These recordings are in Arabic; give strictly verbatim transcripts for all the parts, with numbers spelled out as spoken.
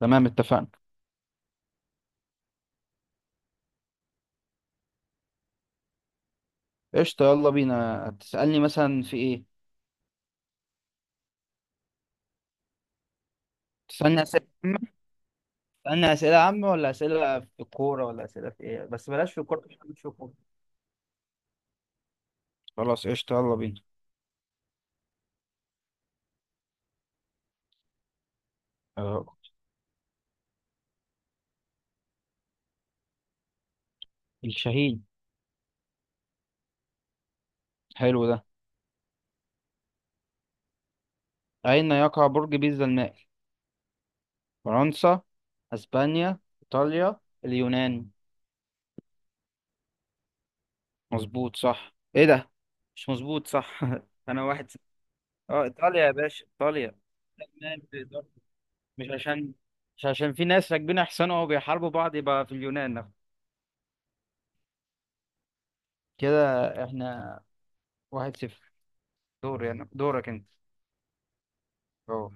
تمام. اتفقنا. قشطة، يلا بينا. تسألني مثلا في ايه؟ تسألني أسئلة عامة؟ تسألني أسئلة عامة ولا أسئلة في الكورة ولا أسئلة في ايه؟ بس بلاش في الكورة عشان مش في الكورة. خلاص، قشطة، يلا بينا. آه، الشهيد. حلو ده. أين يقع برج بيزا المائل؟ فرنسا، أسبانيا، إيطاليا، اليونان. مظبوط صح، ايه ده؟ مش مظبوط صح. أنا واحد س- اه إيطاليا يا باشا، إيطاليا. اليونان في إيطاليا. مش عشان مش عشان في ناس راكبين أحسن وبيحاربوا بعض يبقى في اليونان كده. احنا واحد صفر. دور يعني دورك انت. اه،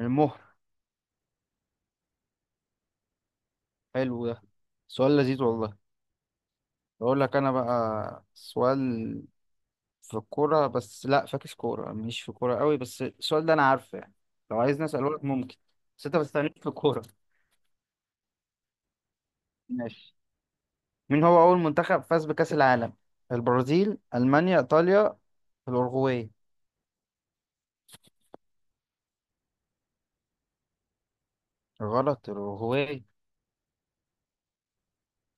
المهر. حلو ده، سؤال لذيذ والله. بقول لك انا بقى سؤال. في الكورة، بس لا فاكس كورة، مش في كورة قوي، بس السؤال ده انا عارفه يعني. لو عايز اساله لك، ممكن؟ بس انت ما تستعنيش في الكورة. ماشي. مين هو اول منتخب فاز بكأس العالم؟ البرازيل، المانيا، ايطاليا، الاورجواي. غلط، الاورجواي.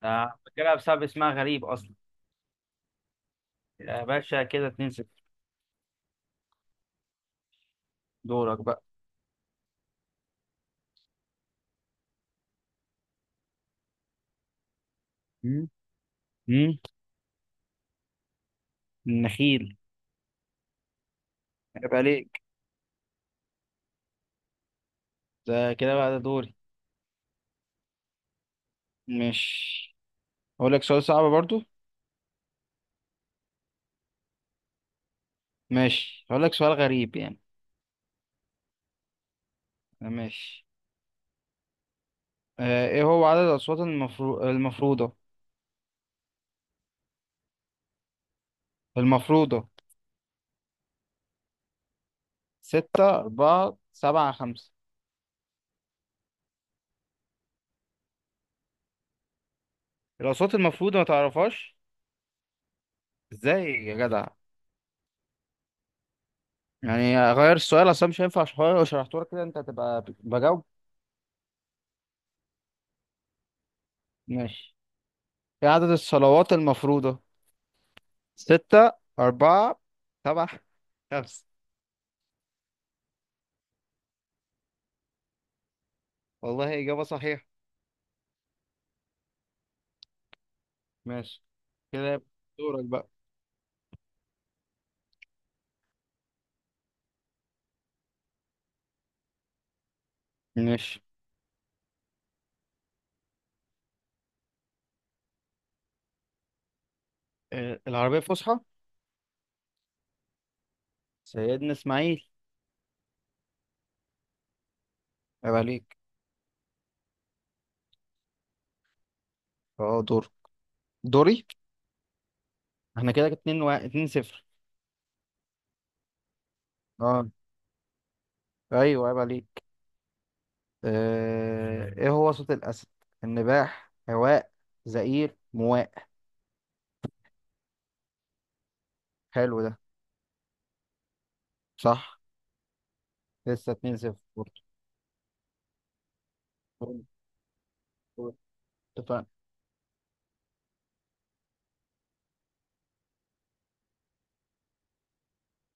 آه، فاكرها بسبب اسمها غريب اصلا. يا باشا كده اتنين صفر. دورك بقى. مم. النخيل. عيب عليك. ده كده بقى ده دوري. ماشي، هقول لك سؤال صعب برضو. ماشي، هقول لك سؤال غريب يعني. ماشي. آه ايه هو عدد الأصوات المفرو... المفروضة؟ المفروضة. ستة، أربعة، سبعة، خمسة. الأصوات المفروضة ما تعرفهاش؟ ازاي يا جدع؟ يعني غير السؤال أصلا مش هينفع عشان لو شرحته لك كده أنت هتبقى ب- بجاوب. ماشي. ايه عدد الصلوات المفروضة؟ ستة، أربعة، سبعة، خمسة. والله إجابة صحيحة. ماشي، كده يبقى دورك بقى. ماشي. آه، العربية الفصحى؟ سيدنا إسماعيل. عيب عليك. اه دور دوري. احنا كده اتنين و... اتنين صفر. اه، ايوه، عيب عليك. آه... ايه هو صوت الأسد؟ النباح، هواء، زئير، مواء. حلو ده. صح. لسه اتنين صفر برضه. قول- قول. اتفقنا.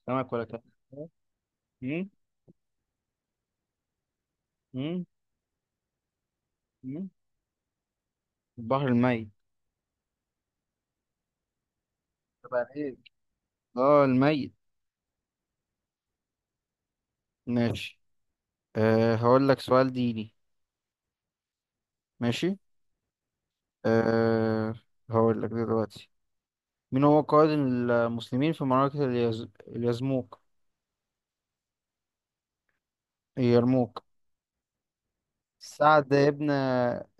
سمك ولا كده؟ البحر الميت. عيب عليك. اه، الميت. ماشي. آه هقول لك سؤال ديني. ماشي. أه هقول لك دلوقتي. مين هو قائد المسلمين في معركة اليز... اليزموك؟ اليرموك. سعد ابن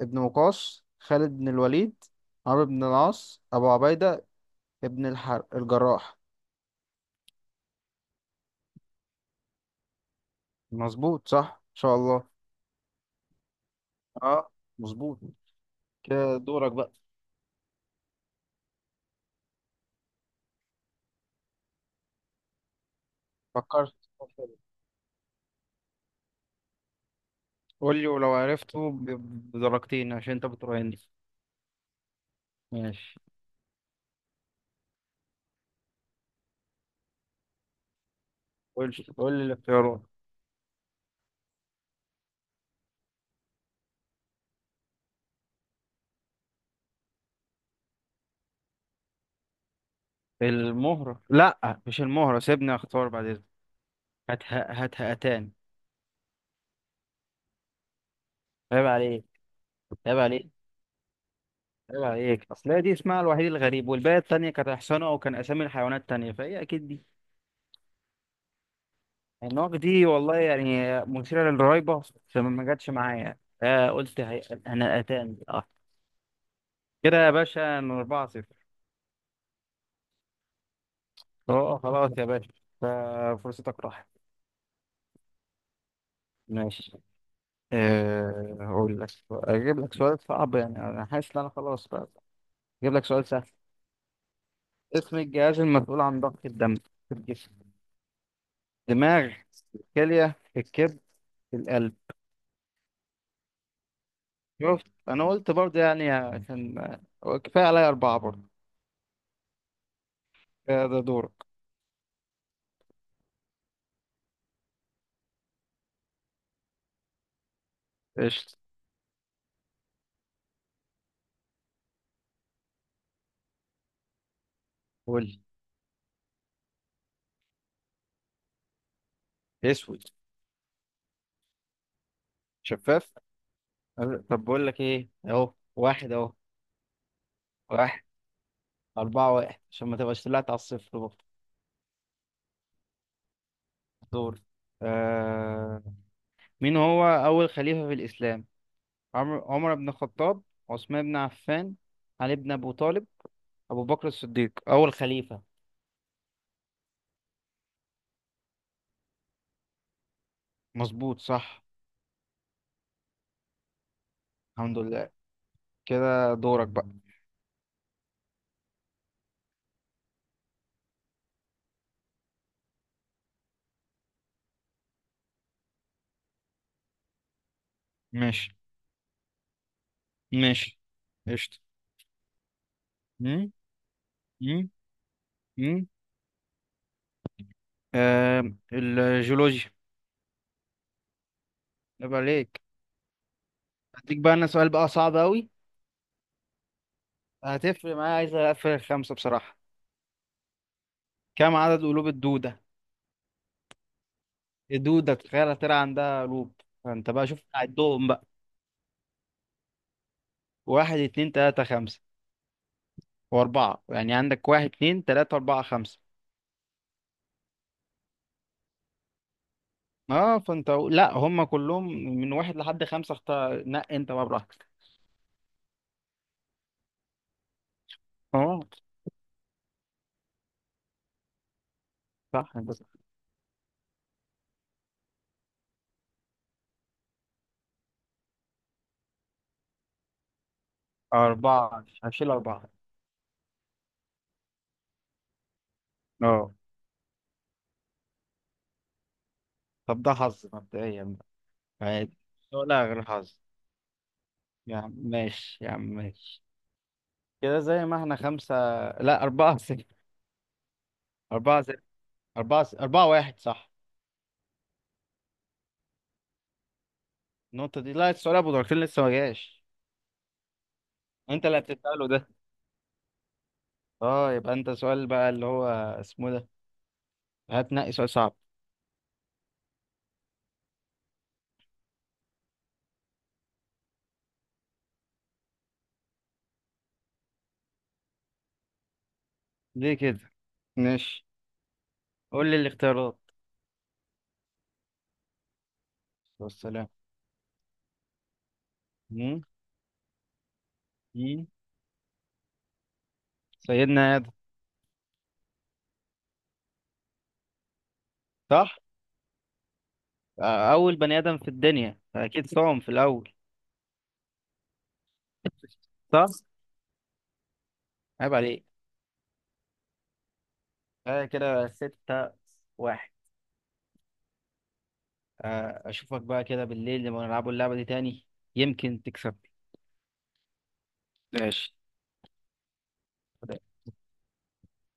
ابن وقاص، خالد بن الوليد، عمرو بن العاص، أبو عبيدة ابن الحر... الجراح. مظبوط صح، إن شاء الله. اه، مظبوط. كده دورك بقى. فكرت. قول لي، ولو عرفته ب- بدرجتين عشان انت بتراهني. ماشي. قول قول لي الاختيارات. المهرة، لا مش المهرة، سيبني اختار بعد اذنك. هاتها هاتها أتان. عيب عليك. عيب عليك. عيب عليك، أصل هي دي اسمها الوحيد الغريب والباقي التانية كانت أحسنه أو كان أسامي الحيوانات التانية فهي أكيد دي. النوك دي والله يعني مثيرة للريبة، بس ما ما جاتش معايا، آه قلت هي... أنا أتان، أه. كده يا باشا، إن أربعة صفر. أه، أه، خلاص يا باشا، ففرصتك راحت. ماشي. آه، أقول لك، أجيب لك سؤال صعب يعني أنا حاسس إن أنا خلاص بقى. أجيب لك سؤال سهل. اسم الجهاز المسؤول عن ضخ الدم في الجسم؟ دماغ، كلية، الكبد، القلب. شفت، أنا قلت برضه يعني عشان هو كفاية عليا أربعة برضه. كفاية، ده دورك. قشطة. قول لي، أسود، شفاف. أه، طب بقول لك إيه، أهو واحد أهو. واحد. أربعة واحد عشان ما تبقاش طلعت على الصفر برضه. دور. آه... مين هو أول خليفة في الإسلام؟ عمر، عمر بن الخطاب، عثمان بن عفان، علي بن أبو طالب، أبو بكر الصديق أول خليفة. مظبوط صح. الحمد لله. كده دورك بقى. ماشي. ماشي. قشطة. مم. مم. مم. آه الجيولوجيا. عيب عليك. هديك بقى انا سؤال بقى صعب قوي. هتفرق معايا، عايز اقفل خمسة بصراحة. كم عدد قلوب الدودة؟ الدودة تخيل هتلاقي عندها قلوب، فانت بقى شوف عدهم بقى. واحد، اتنين، تلاتة، خمسة. واربعة، يعني عندك واحد، اتنين، تلاتة، اربعة، خمسة. اه فانت، لا هم كلهم من واحد لحد خمسة، اختار نق انت بقى براحتك. اه. صح، بس. أربعة، هشيل أربعة. اه. طب ده حظ مبدئيا. عادي. ولا غير حظ؟ يا عم ماشي، يا عم ماشي. كده زي ما احنا خمسة. لا، أربعة صفر. أربعة صفر. أربعة صفر، أربعة واحد صح. النقطة دي لا، السؤال أبو دركين لسه ما جاش. أنت اللي هتسأله ده. أه يبقى أنت سؤال بقى اللي هو اسمه ده، هتنقي سؤال صعب. ليه كده؟ ماشي. قول لي الاختيارات. والسلام. مم؟ مم؟ سيدنا آدم. صح. آه، أول بني آدم في الدنيا أكيد صام في الأول. صح. عيب عليك. آه كده، ستة واحد. آه، اشوفك بقى كده بالليل لما نلعبوا اللعبة دي تاني، يمكن تكسب. ماشي.